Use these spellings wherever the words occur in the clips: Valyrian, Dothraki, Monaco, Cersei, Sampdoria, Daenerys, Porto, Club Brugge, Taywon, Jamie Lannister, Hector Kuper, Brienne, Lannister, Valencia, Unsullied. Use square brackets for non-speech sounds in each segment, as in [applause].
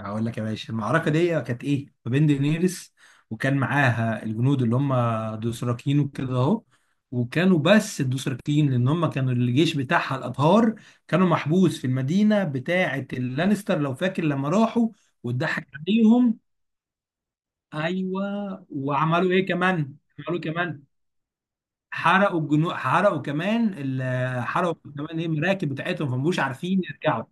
هقول لك يا باشا، المعركة دي كانت ايه؟ ما بين دينيرس، وكان معاها الجنود اللي هم دوثراكيين وكده اهو. وكانوا بس الدوثراكيين لان هم كانوا الجيش بتاعها الابهار. كانوا محبوس في المدينة بتاعة اللانستر، لو فاكر لما راحوا واتضحك عليهم. ايوه. وعملوا ايه كمان؟ عملوا إيه كمان؟ حرقوا كمان ايه المراكب بتاعتهم، فما بقوش عارفين يرجعوا.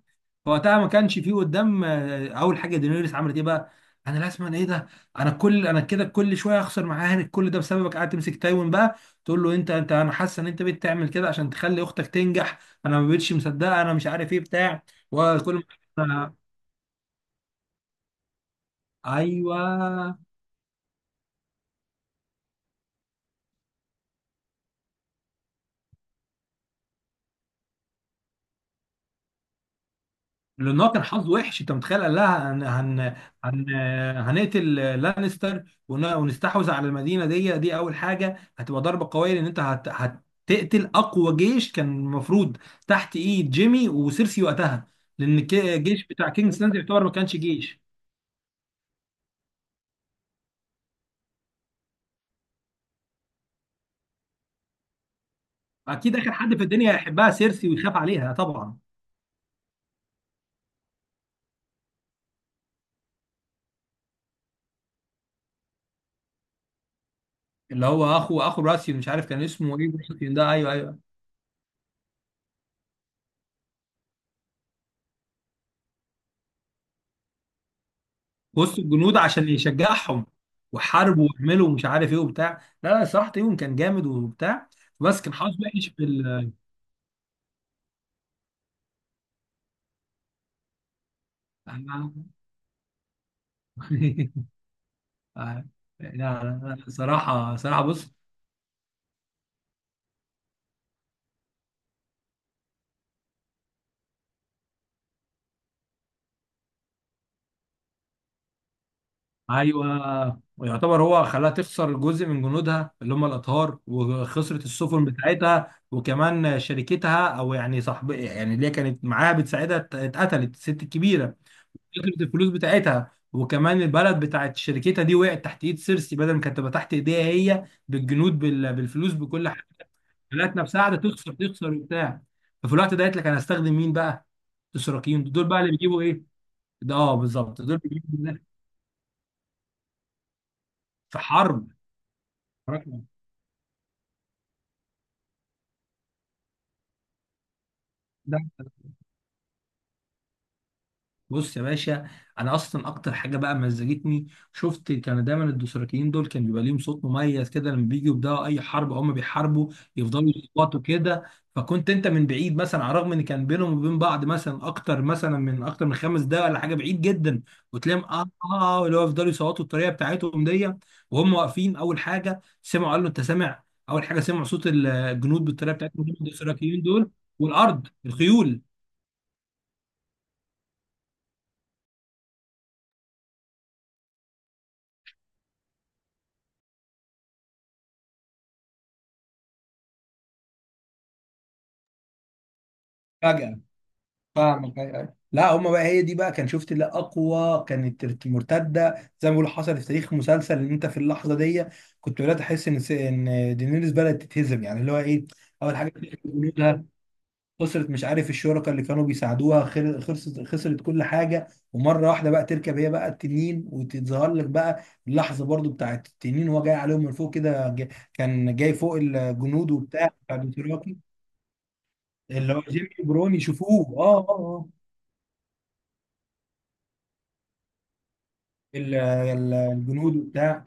فوقتها ما كانش فيه قدام. اول حاجه دينيريس عملت ايه بقى؟ انا لازم، أنا ايه ده؟ انا كل، انا كده كل شويه هخسر معاك، كل ده بسببك قاعد تمسك تايوان بقى. تقول له انت انت انا حاسه ان انت بتعمل كده عشان تخلي اختك تنجح. انا ما بقتش مصدقه، انا مش عارف ايه بتاع وكل. ما ايوه، لان هو كان حظه وحش. انت متخيل، قال لها هن هن هن هنقتل لانستر ونستحوذ على المدينه دي. دي اول حاجه هتبقى ضربه قويه، لان انت هتقتل اقوى جيش كان المفروض تحت ايد جيمي وسيرسي وقتها. لان الجيش بتاع كينجز لاند يعتبر ما كانش جيش. اكيد اخر حد في الدنيا هيحبها سيرسي ويخاف عليها طبعا. اللي هو اخو راسيون، مش عارف كان اسمه ايه. راسيون ده، ايوه ايوه. وسط الجنود عشان يشجعهم. وحاربوا وعملوا ومش عارف ايه وبتاع. لا لا، صراحة ايوب كان جامد وبتاع، بس كان حظه وحش في ال... [laughs] لا لا لا، صراحة صراحة بص. ايوه، ويعتبر هو خلاها تخسر جزء من جنودها اللي هم الاطهار، وخسرت السفن بتاعتها، وكمان شركتها او يعني صاحب يعني اللي هي كانت معاها بتساعدها اتقتلت الست الكبيرة. فكره الفلوس بتاعتها وكمان البلد بتاعت شركتها دي وقعت تحت ايد سيرسي، بدل ما كانت تبقى تحت ايديها هي، بالجنود بالفلوس بكل حاجه. خلت نفسها قاعده تخسر تخسر وبتاع. ففي الوقت ده قالت لك انا هستخدم مين بقى؟ الاشراكيين دول بقى اللي بيجيبوا ايه؟ ده اه بالظبط، دول بيجيبوا ده. في حرب. ده بص يا باشا، انا اصلا اكتر حاجه بقى مزجتني، شفت كان دايما الدوسراكيين دول كان بيبقى ليهم صوت مميز كده. لما بيجوا يبداوا اي حرب، هم بيحاربوا يفضلوا يصوتوا كده. فكنت انت من بعيد مثلا، على الرغم ان كان بينهم وبين بعض مثلا اكتر مثلا من اكتر من 5 دقايق ولا حاجه، بعيد جدا، وتلاقيهم اللي هو يفضلوا يصوتوا الطريقه بتاعتهم دي، وهم واقفين. اول حاجه سمعوا، قالوا له انت سامع؟ اول حاجه سمعوا صوت الجنود بالطريقه بتاعتهم الدوسراكيين دول. والارض، الخيول. فجأة فاهمك. أيوة، أيوة. لا هما بقى، هي دي بقى، كان شفت اللي اقوى، كانت مرتده زي ما بيقولوا حصل في تاريخ مسلسل. ان انت في اللحظه دي كنت بدات احس ان ان دينيريس بدات تتهزم، يعني اللي هو ايه. اول حاجه خسرت جنودها، خسرت مش عارف الشركاء اللي كانوا بيساعدوها، خسرت خسرت كل حاجه. ومره واحده بقى تركب هي بقى التنين وتظهر لك بقى، اللحظه برضو بتاعت التنين وهو جاي عليهم من فوق كده. كان جاي فوق الجنود وبتاع بتاع الدوثراكي. اللي هو جيمي برون يشوفوه. الجنود وبتاع.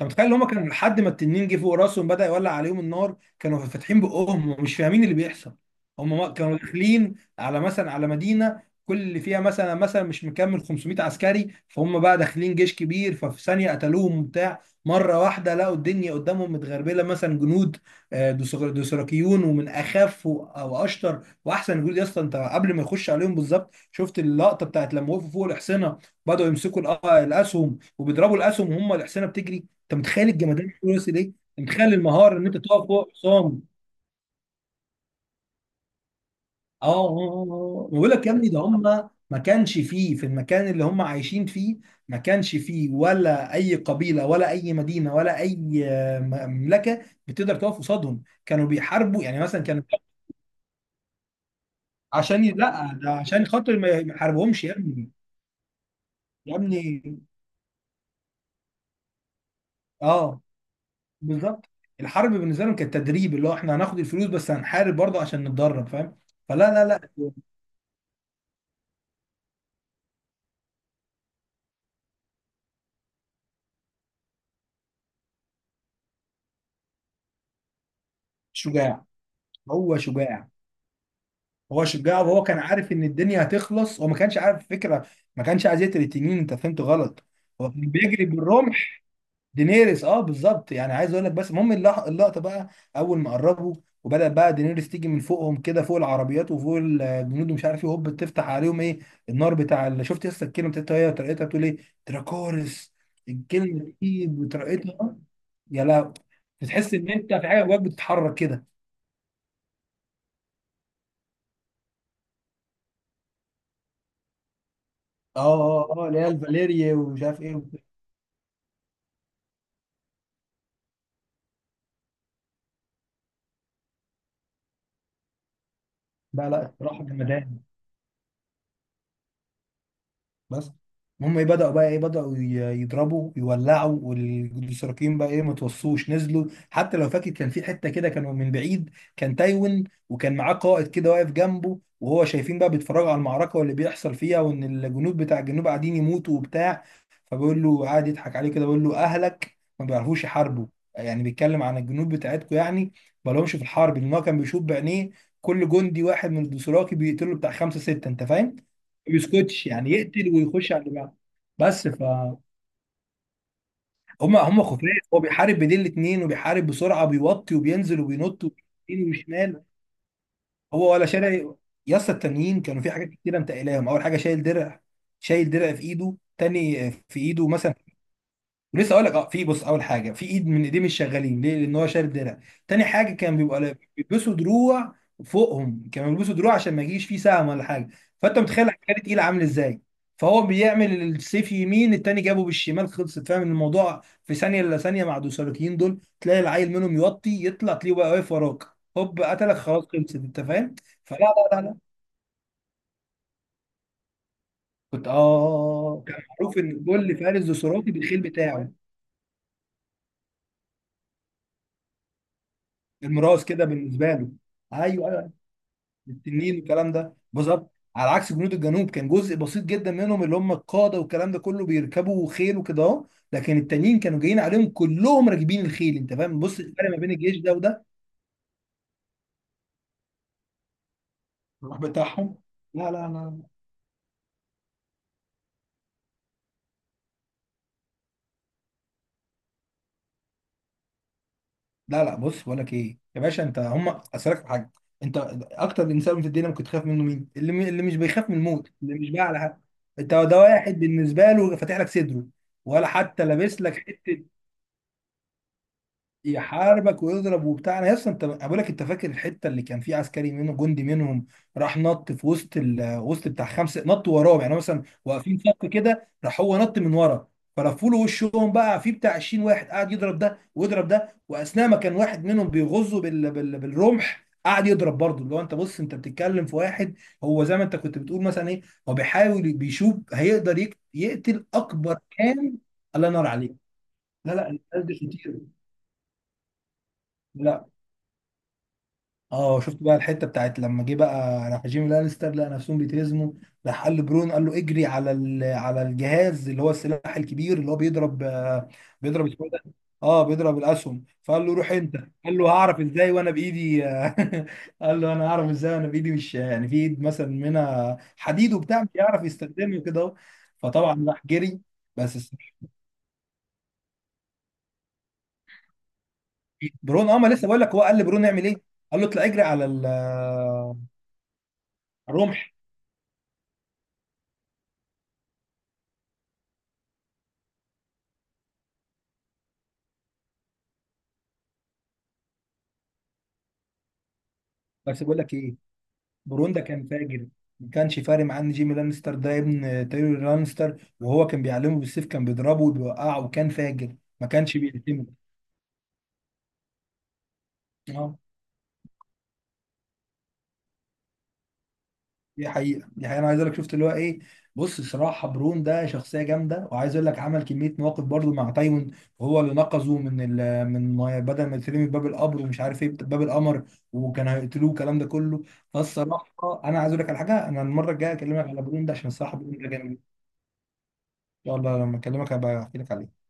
انت متخيل ان هم كانوا لحد ما التنين جه فوق راسهم بدأ يولع عليهم النار، كانوا فاتحين بقهم ومش فاهمين اللي بيحصل. هم كانوا داخلين على مثلا، على مدينة كل اللي فيها مثلا مثلا مش مكمل 500 عسكري. فهم بقى داخلين جيش كبير، ففي ثانية قتلوهم وبتاع. مرة واحدة لقوا الدنيا قدامهم متغربلة مثلا جنود دوسراكيون، ومن أخف وأشطر وأحسن جنود يا اسطى. أنت قبل ما يخش عليهم بالظبط شفت اللقطة بتاعت لما وقفوا فوق الحصينة، بدأوا يمسكوا الأسهم وبيضربوا الأسهم وهم الحصينة بتجري. أنت متخيل الجمدان اللي وصل إيه؟ أنت متخيل المهارة إن أنت تقف فوق حصان؟ أه آه، آه، آه. بقول لك يا ابني، ده هم ما كانش فيه في المكان اللي هم عايشين فيه، ما كانش فيه ولا أي قبيلة ولا أي مدينة ولا أي مملكة بتقدر تقف قصادهم. كانوا بيحاربوا يعني، مثلا كانوا عشان لا، ده عشان خاطر ما يحاربهمش يا ابني. يا ابني، أه، بالظبط. الحرب بالنسبه لهم كانت تدريب، اللي هو احنا هناخد الفلوس، بس هنحارب برضه عشان نتدرب، فاهم؟ فلا لا لا. شجاع، هو شجاع. هو شجاع، وهو كان عارف ان الدنيا هتخلص. هو ما كانش عارف فكره، ما كانش عايز يقتل التنين، انت فهمت غلط. هو كان بيجري بالرعب. دينيريس اه بالظبط، يعني عايز اقول لك. بس المهم اللقطه بقى، اول ما قربوا وبدأ بقى دينيريس تيجي من فوقهم كده فوق العربيات وفوق الجنود ومش عارف ايه، هوب تفتح عليهم ايه، النار بتاع. اللي شفت لسه الكلمه بتاعتها هي وطريقتها، بتقول ايه؟ دراكورس. الكلمه دي بطريقتها، يا لا، بتحس ان انت في حاجه جواك بتتحرك كده. اه اه اللي هي الفاليريا ومش عارف ايه وبتاع. لا لا، الصراحه جمدان. بس المهم ايه، بدأوا بقى ايه، بدأوا يضربوا يولعوا. والاشتراكيين بقى ايه، ما توصوش، نزلوا. حتى لو فاكر كان في حتة كده، كانوا من بعيد. كان تايوان وكان معاه قائد كده واقف جنبه، وهو شايفين بقى بيتفرجوا على المعركة واللي بيحصل فيها، وان الجنود بتاع الجنوب قاعدين يموتوا وبتاع. فبيقول له قاعد يضحك عليه كده، بيقول له اهلك ما بيعرفوش يحاربوا، يعني بيتكلم عن الجنود بتاعتكم يعني، ما لهمش في الحرب. لان هو كان بيشوف بعينيه كل جندي واحد من الدوسراكي بيقتله بتاع خمسة ستة، انت فاهم، يسكتش يعني، يقتل ويخش على اللي بعده. بس ف، هم خفاف. هو بيحارب بين الاثنين وبيحارب بسرعه، بيوطي وبينزل وبينط ويمين وشمال. هو ولا شارع. يا اسطى، التانيين كانوا في حاجات كتيره متقلاهم. اول حاجه شايل درع، شايل درع في ايده تاني، في ايده مثلا، لسه اقول لك. اه، في بص، اول حاجه، في ايد من ايديه مش شغالين ليه؟ لان هو شارب درع. تاني حاجه، كان بيبقى بيلبسوا دروع فوقهم، كانوا بيلبسوا دروع عشان ما يجيش فيه سهم ولا حاجه. فانت متخيل العسكري تقيل عامل ازاي. فهو بيعمل السيف يمين، التاني جابه بالشمال، خلصت، فاهم الموضوع؟ في ثانيه، الا ثانيه، مع الدوسالوتيين دول، تلاقي العيل منهم يوطي يطلع، تلاقيه بقى واقف وراك، هوب قتلك، خلاص خلصت، انت فاهم؟ فلا لا لا لا. كنت اه، كان معروف ان كل فارس دوسراطي بالخيل بتاعه، الميراث كده بالنسبه له. ايوه، أيوه. التنين والكلام ده بالظبط، على عكس جنود الجنوب كان جزء بسيط جدا منهم اللي هم القاده والكلام ده كله بيركبوا خيل وكده اهو. لكن التانيين كانوا جايين عليهم كلهم راكبين الخيل، انت فاهم، بص الفرق ما بين الجيش ده وده. الروح بتاعهم، لا لا لا لا. لا بص، بقول لك ايه يا باشا، انت هم. اسالك في حاجه، انت اكتر انسان في الدنيا ممكن تخاف منه مين؟ اللي اللي مش بيخاف من الموت، اللي مش بقى على حاجه. انت ده واحد بالنسبه له فاتح لك صدره، ولا حتى لابس لك حته. يحاربك ويضرب وبتاع. انا اصلا، انت بقول لك، انت فاكر الحته اللي كان في عسكري منه، جندي منهم، راح نط في وسط وسط بتاع خمسه، نط وراهم يعني مثلا واقفين صف كده، راح هو نط من ورا، فلفوا له وشهم بقى، في بتاع 20 واحد قاعد يضرب ده ويضرب ده، واثناء ما كان واحد منهم بيغزه بالرمح، قاعد يضرب برضه. اللي هو انت بص، انت بتتكلم في واحد، هو زي ما انت كنت بتقول مثلا ايه، هو بيحاول بيشوف هيقدر يقتل اكبر كام. الله ينور عليك. لا لا، الناس دي خطيره. لا. اه، شفت بقى الحته بتاعت لما جه بقى راح جيمي لانستر لقى نفسهم بيتهزموا، راح قال لبرون، قال له اجري على الجهاز اللي هو السلاح الكبير اللي هو بيضرب بيضرب، اسمه إيه ده، اه، بيضرب الاسهم. فقال له روح انت. قال له هعرف ازاي وانا بايدي [laughs] قال له انا هعرف ازاي وانا بايدي، مش يعني في ايد مثلا منها حديد وبتاع، مش هيعرف يستخدمه كده اهو. فطبعا راح جري. بس الصراحة، برون، اه، ما لسه بقول لك، هو قال لبرون اعمل ايه؟ قال له اطلع اجري على الرمح. بس بقول لك ايه، بروندا كان فاجر، ما كانش فارق معاه ان جيمي لانستر ده ابن تيري لانستر، وهو كان بيعلمه بالسيف، كان بيضربه وبيوقعه، وكان فاجر، ما كانش بيهتمه. اه، دي حقيقة، دي حقيقة. انا عايز اقول لك شفت اللي هو ايه، بص الصراحة برون ده شخصية جامدة، وعايز اقول لك عمل كمية مواقف برضه مع تايوان، وهو اللي نقذه من ال، من بدل ما يترمي باب القبر ومش عارف ايه، باب القمر، وكان هيقتلوه الكلام ده كله. فالصراحة انا عايز اقول لك على حاجة، انا المرة الجاية اكلمك على برون ده، عشان الصراحة برون ده جامد. يلا لما اكلمك هبقى احكي لك عليه.